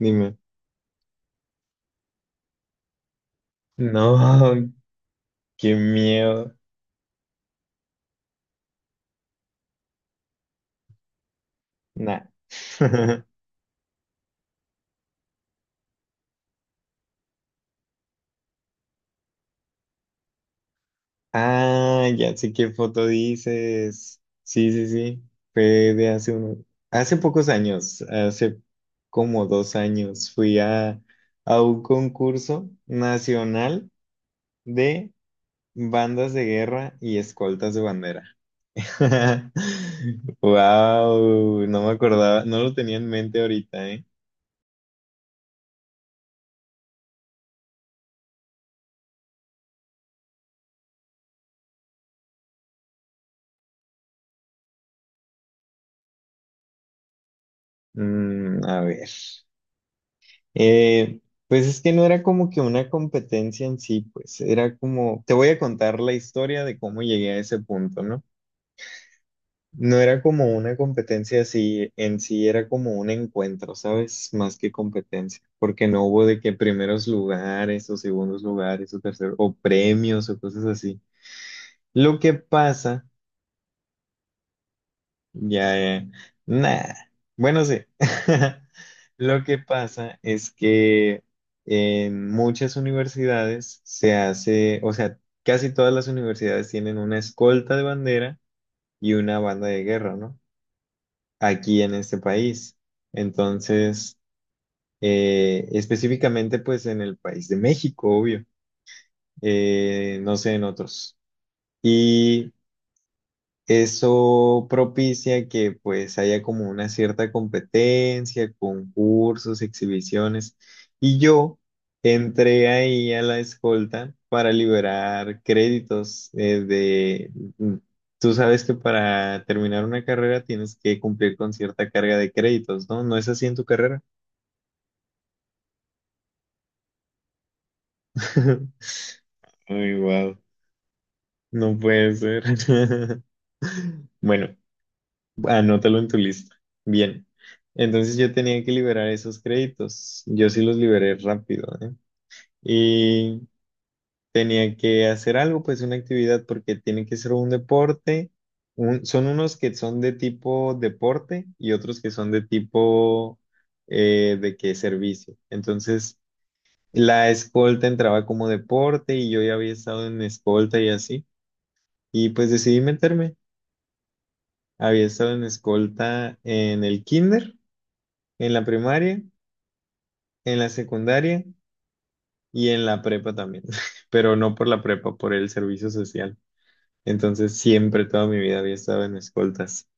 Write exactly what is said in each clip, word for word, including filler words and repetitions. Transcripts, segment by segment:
Dime. No, qué miedo. Nah. Ah, ya sé qué foto dices. Sí, sí, sí. Fue de hace uno, hace pocos años, hace como dos años, fui a, a un concurso nacional de bandas de guerra y escoltas de bandera. Wow, no me acordaba, no lo tenía en mente ahorita, ¿eh? Mm, a ver. Eh, pues es que no era como que una competencia en sí, pues era como, te voy a contar la historia de cómo llegué a ese punto, ¿no? No era como una competencia así en sí, era como un encuentro, ¿sabes? Más que competencia, porque no hubo de que primeros lugares o segundos lugares o terceros o premios o cosas así. Lo que pasa. Ya, ya. Nah. Bueno, sí. Lo que pasa es que en muchas universidades se hace, o sea, casi todas las universidades tienen una escolta de bandera y una banda de guerra, ¿no? Aquí en este país. Entonces, eh, específicamente pues en el país de México, obvio. Eh, no sé, en otros. Y eso propicia que pues haya como una cierta competencia, concursos, exhibiciones. Y yo entré ahí a la escolta para liberar créditos eh, de... mm, tú sabes que para terminar una carrera tienes que cumplir con cierta carga de créditos, ¿no? ¿No es así en tu carrera? Ay, wow. No puede ser. Bueno, anótalo en tu lista. Bien. Entonces yo tenía que liberar esos créditos. Yo sí los liberé rápido, ¿eh? Y tenía que hacer algo, pues una actividad, porque tiene que ser un deporte. Un- son unos que son de tipo deporte y otros que son de tipo eh, de que servicio. Entonces la escolta entraba como deporte y yo ya había estado en escolta y así. Y pues decidí meterme. Había estado en escolta en el kinder, en la primaria, en la secundaria y en la prepa también, pero no por la prepa, por el servicio social. Entonces siempre toda mi vida había estado en escoltas.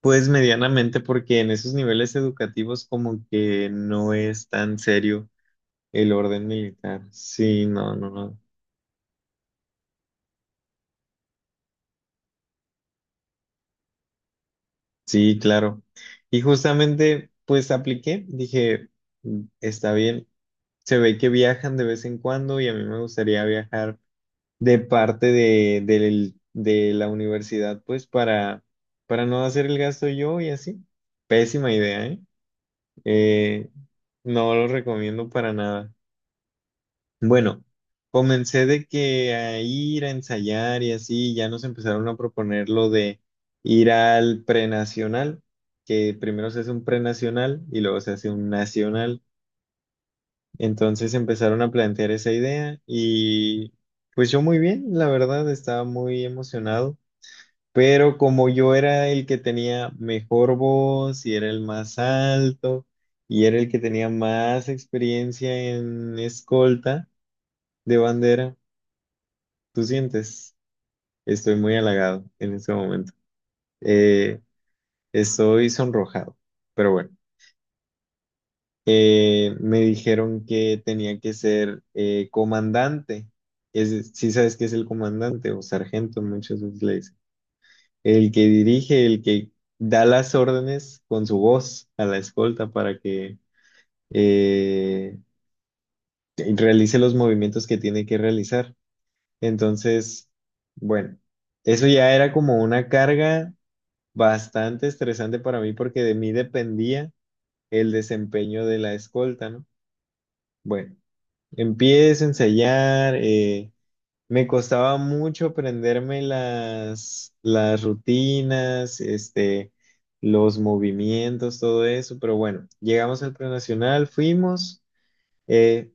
Pues medianamente porque en esos niveles educativos como que no es tan serio el orden militar. Sí, no, no, no. Sí, claro. Y justamente pues apliqué, dije, "Mm, está bien, se ve que viajan de vez en cuando y a mí me gustaría viajar de parte de, del- de la universidad, pues para, para no hacer el gasto yo y así. Pésima idea, ¿eh? Eh, no lo recomiendo para nada. Bueno, comencé de que a ir a ensayar y así, ya nos empezaron a proponer lo de ir al prenacional, que primero se hace un prenacional y luego se hace un nacional. Entonces empezaron a plantear esa idea y pues yo muy bien, la verdad, estaba muy emocionado. Pero como yo era el que tenía mejor voz y era el más alto y era el que tenía más experiencia en escolta de bandera, tú sientes, estoy muy halagado en este momento. Eh, Estoy sonrojado, pero bueno, Eh, me dijeron que tenía que ser eh, comandante. Es, sí sabes qué es el comandante o sargento, muchas veces le dicen. El que dirige, el que da las órdenes con su voz a la escolta para que eh, realice los movimientos que tiene que realizar. Entonces, bueno, eso ya era como una carga bastante estresante para mí porque de mí dependía el desempeño de la escolta, ¿no? Bueno, empiezo a ensayar. eh, Me costaba mucho aprenderme las, las rutinas, este, los movimientos, todo eso, pero bueno, llegamos al prenacional, fuimos eh,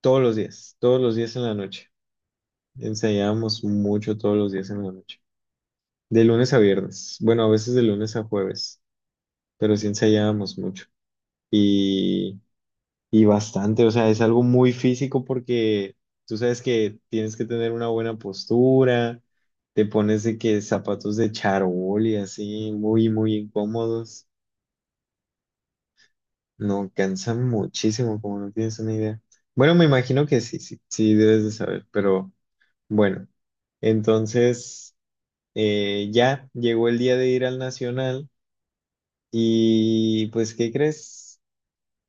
todos los días, todos los días en la noche. Ensayábamos mucho todos los días en la noche, de lunes a viernes, bueno, a veces de lunes a jueves, pero sí ensayábamos mucho. Y bastante, o sea, es algo muy físico porque tú sabes que tienes que tener una buena postura, te pones de que zapatos de charol y así, muy, muy incómodos. No, cansan muchísimo, como no tienes una idea. Bueno, me imagino que sí, sí, sí debes de saber, pero bueno. Entonces, eh, ya llegó el día de ir al Nacional y pues, ¿qué crees?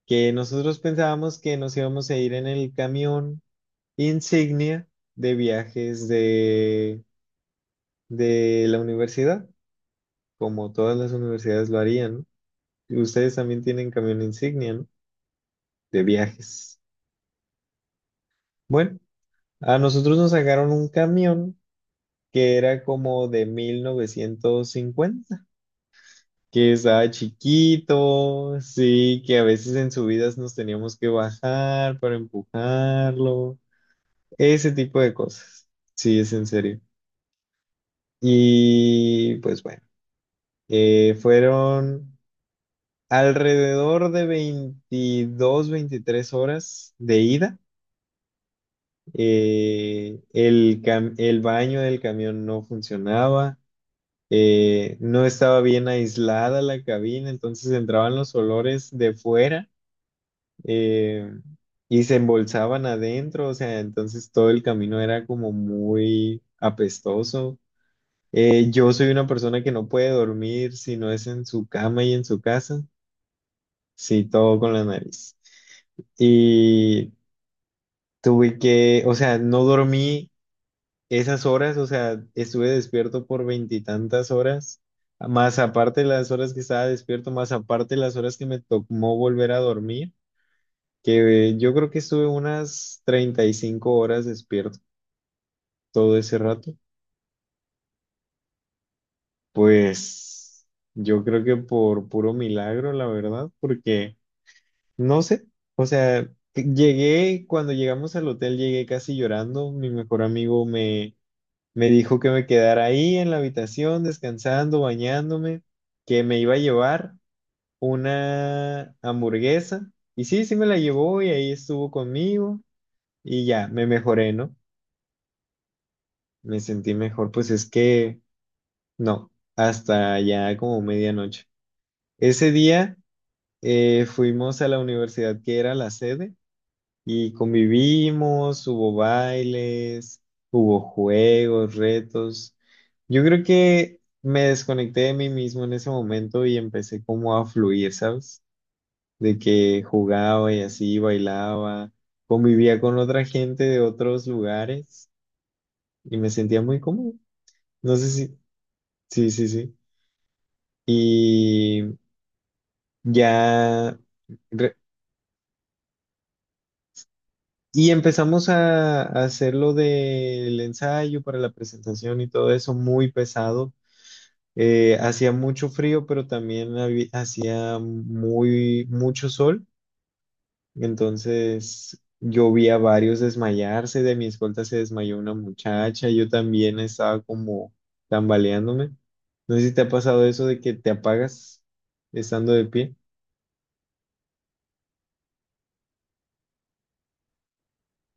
Que nosotros pensábamos que nos íbamos a ir en el camión insignia de viajes de, de la universidad, como todas las universidades lo harían, ¿no? Ustedes también tienen camión insignia, ¿no? De viajes. Bueno, a nosotros nos sacaron un camión que era como de mil novecientos cincuenta, que estaba chiquito, sí, que a veces en subidas nos teníamos que bajar para empujarlo, ese tipo de cosas. Sí, es en serio. Y pues bueno. Eh, fueron alrededor de veintidós veintitrés horas de ida. Eh, el, cam- el baño del camión no funcionaba. Eh, no estaba bien aislada la cabina, entonces entraban los olores de fuera eh, y se embolsaban adentro. O sea, entonces todo el camino era como muy apestoso. Eh, yo soy una persona que no puede dormir si no es en su cama y en su casa. Sí, todo con la nariz. Y tuve que, o sea, no dormí esas horas, o sea, estuve despierto por veintitantas horas, más aparte las horas que estaba despierto, más aparte las horas que me tomó volver a dormir, que eh, yo creo que estuve unas treinta y cinco horas despierto todo ese rato. Pues yo creo que por puro milagro, la verdad, porque... No sé, o sea, que- llegué, cuando llegamos al hotel llegué casi llorando, mi mejor amigo me, me dijo que me quedara ahí en la habitación descansando, bañándome, que me iba a llevar una hamburguesa y sí, sí me la llevó y ahí estuvo conmigo y ya, me mejoré, ¿no? Me sentí mejor, pues es que no, hasta ya como medianoche. Ese día eh, fuimos a la universidad que era la sede. Y convivimos, hubo bailes, hubo juegos, retos. Yo creo que me desconecté de mí mismo en ese momento y empecé como a fluir, ¿sabes? De que jugaba y así, bailaba, convivía con otra gente de otros lugares y me sentía muy cómodo. No sé si, sí, sí, sí. Y ya re- Y empezamos a, a hacer lo del ensayo para la presentación y todo eso muy pesado. Eh, hacía mucho frío, pero también habí- hacía muy, mucho sol. Entonces yo vi a varios desmayarse. De mi escolta se desmayó una muchacha. Yo también estaba como tambaleándome. No sé si te ha pasado eso de que te apagas estando de pie.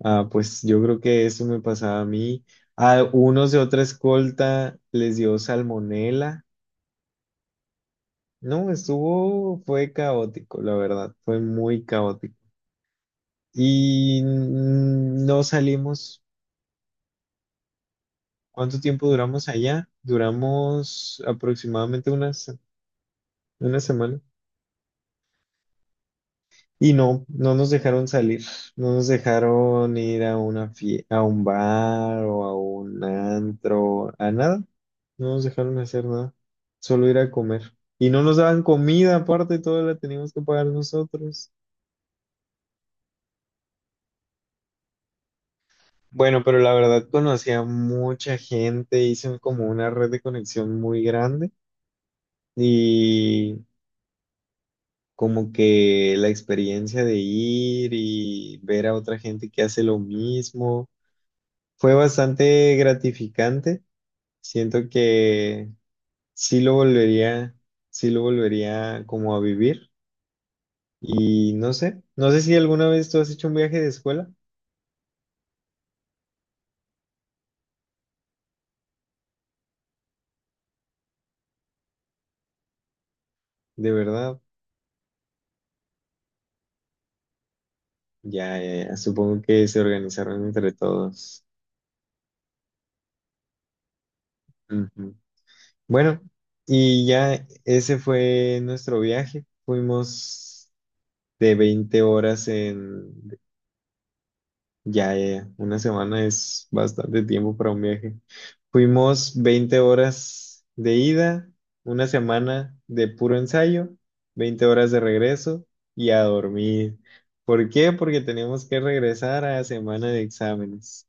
Ah, pues yo creo que eso me pasaba a mí. A unos de otra escolta les dio salmonela. No, estuvo, fue caótico, la verdad, fue muy caótico. Y mm, no salimos. ¿Cuánto tiempo duramos allá? Duramos aproximadamente unas, una semana. Y no, no nos dejaron salir, no nos dejaron ir a una fie- a un bar o a un antro, a nada. No nos dejaron hacer nada, solo ir a comer. Y no nos daban comida, aparte, toda la teníamos que pagar nosotros. Bueno, pero la verdad conocí a mucha gente, hice como una red de conexión muy grande y como que la experiencia de ir y ver a otra gente que hace lo mismo fue bastante gratificante. Siento que sí lo volvería, sí lo volvería como a vivir. Y no sé, no sé si alguna vez tú has hecho un viaje de escuela. De verdad, ya, ya, ya, supongo que se organizaron entre todos. Ujú. Bueno, y ya ese fue nuestro viaje. Fuimos de veinte horas en. Ya, ya, ya. Una semana es bastante tiempo para un viaje. Fuimos veinte horas de ida, una semana de puro ensayo, veinte horas de regreso y a dormir. ¿Por qué? Porque tenemos que regresar a semana de exámenes.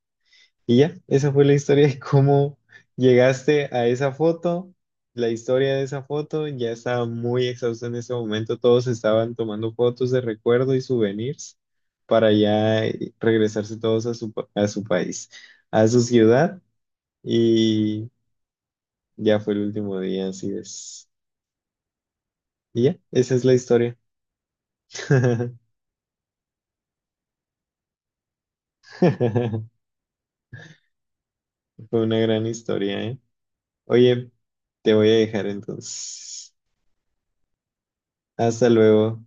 Y ya, esa fue la historia de cómo llegaste a esa foto. La historia de esa foto ya estaba muy exhausta en ese momento. Todos estaban tomando fotos de recuerdo y souvenirs para ya eh, regresarse todos a su, pa- a su país, a su ciudad. Y ya fue el último día, así es. Y ya, esa es la historia. Fue una gran historia, ¿eh? Oye, te voy a dejar entonces. Hasta luego.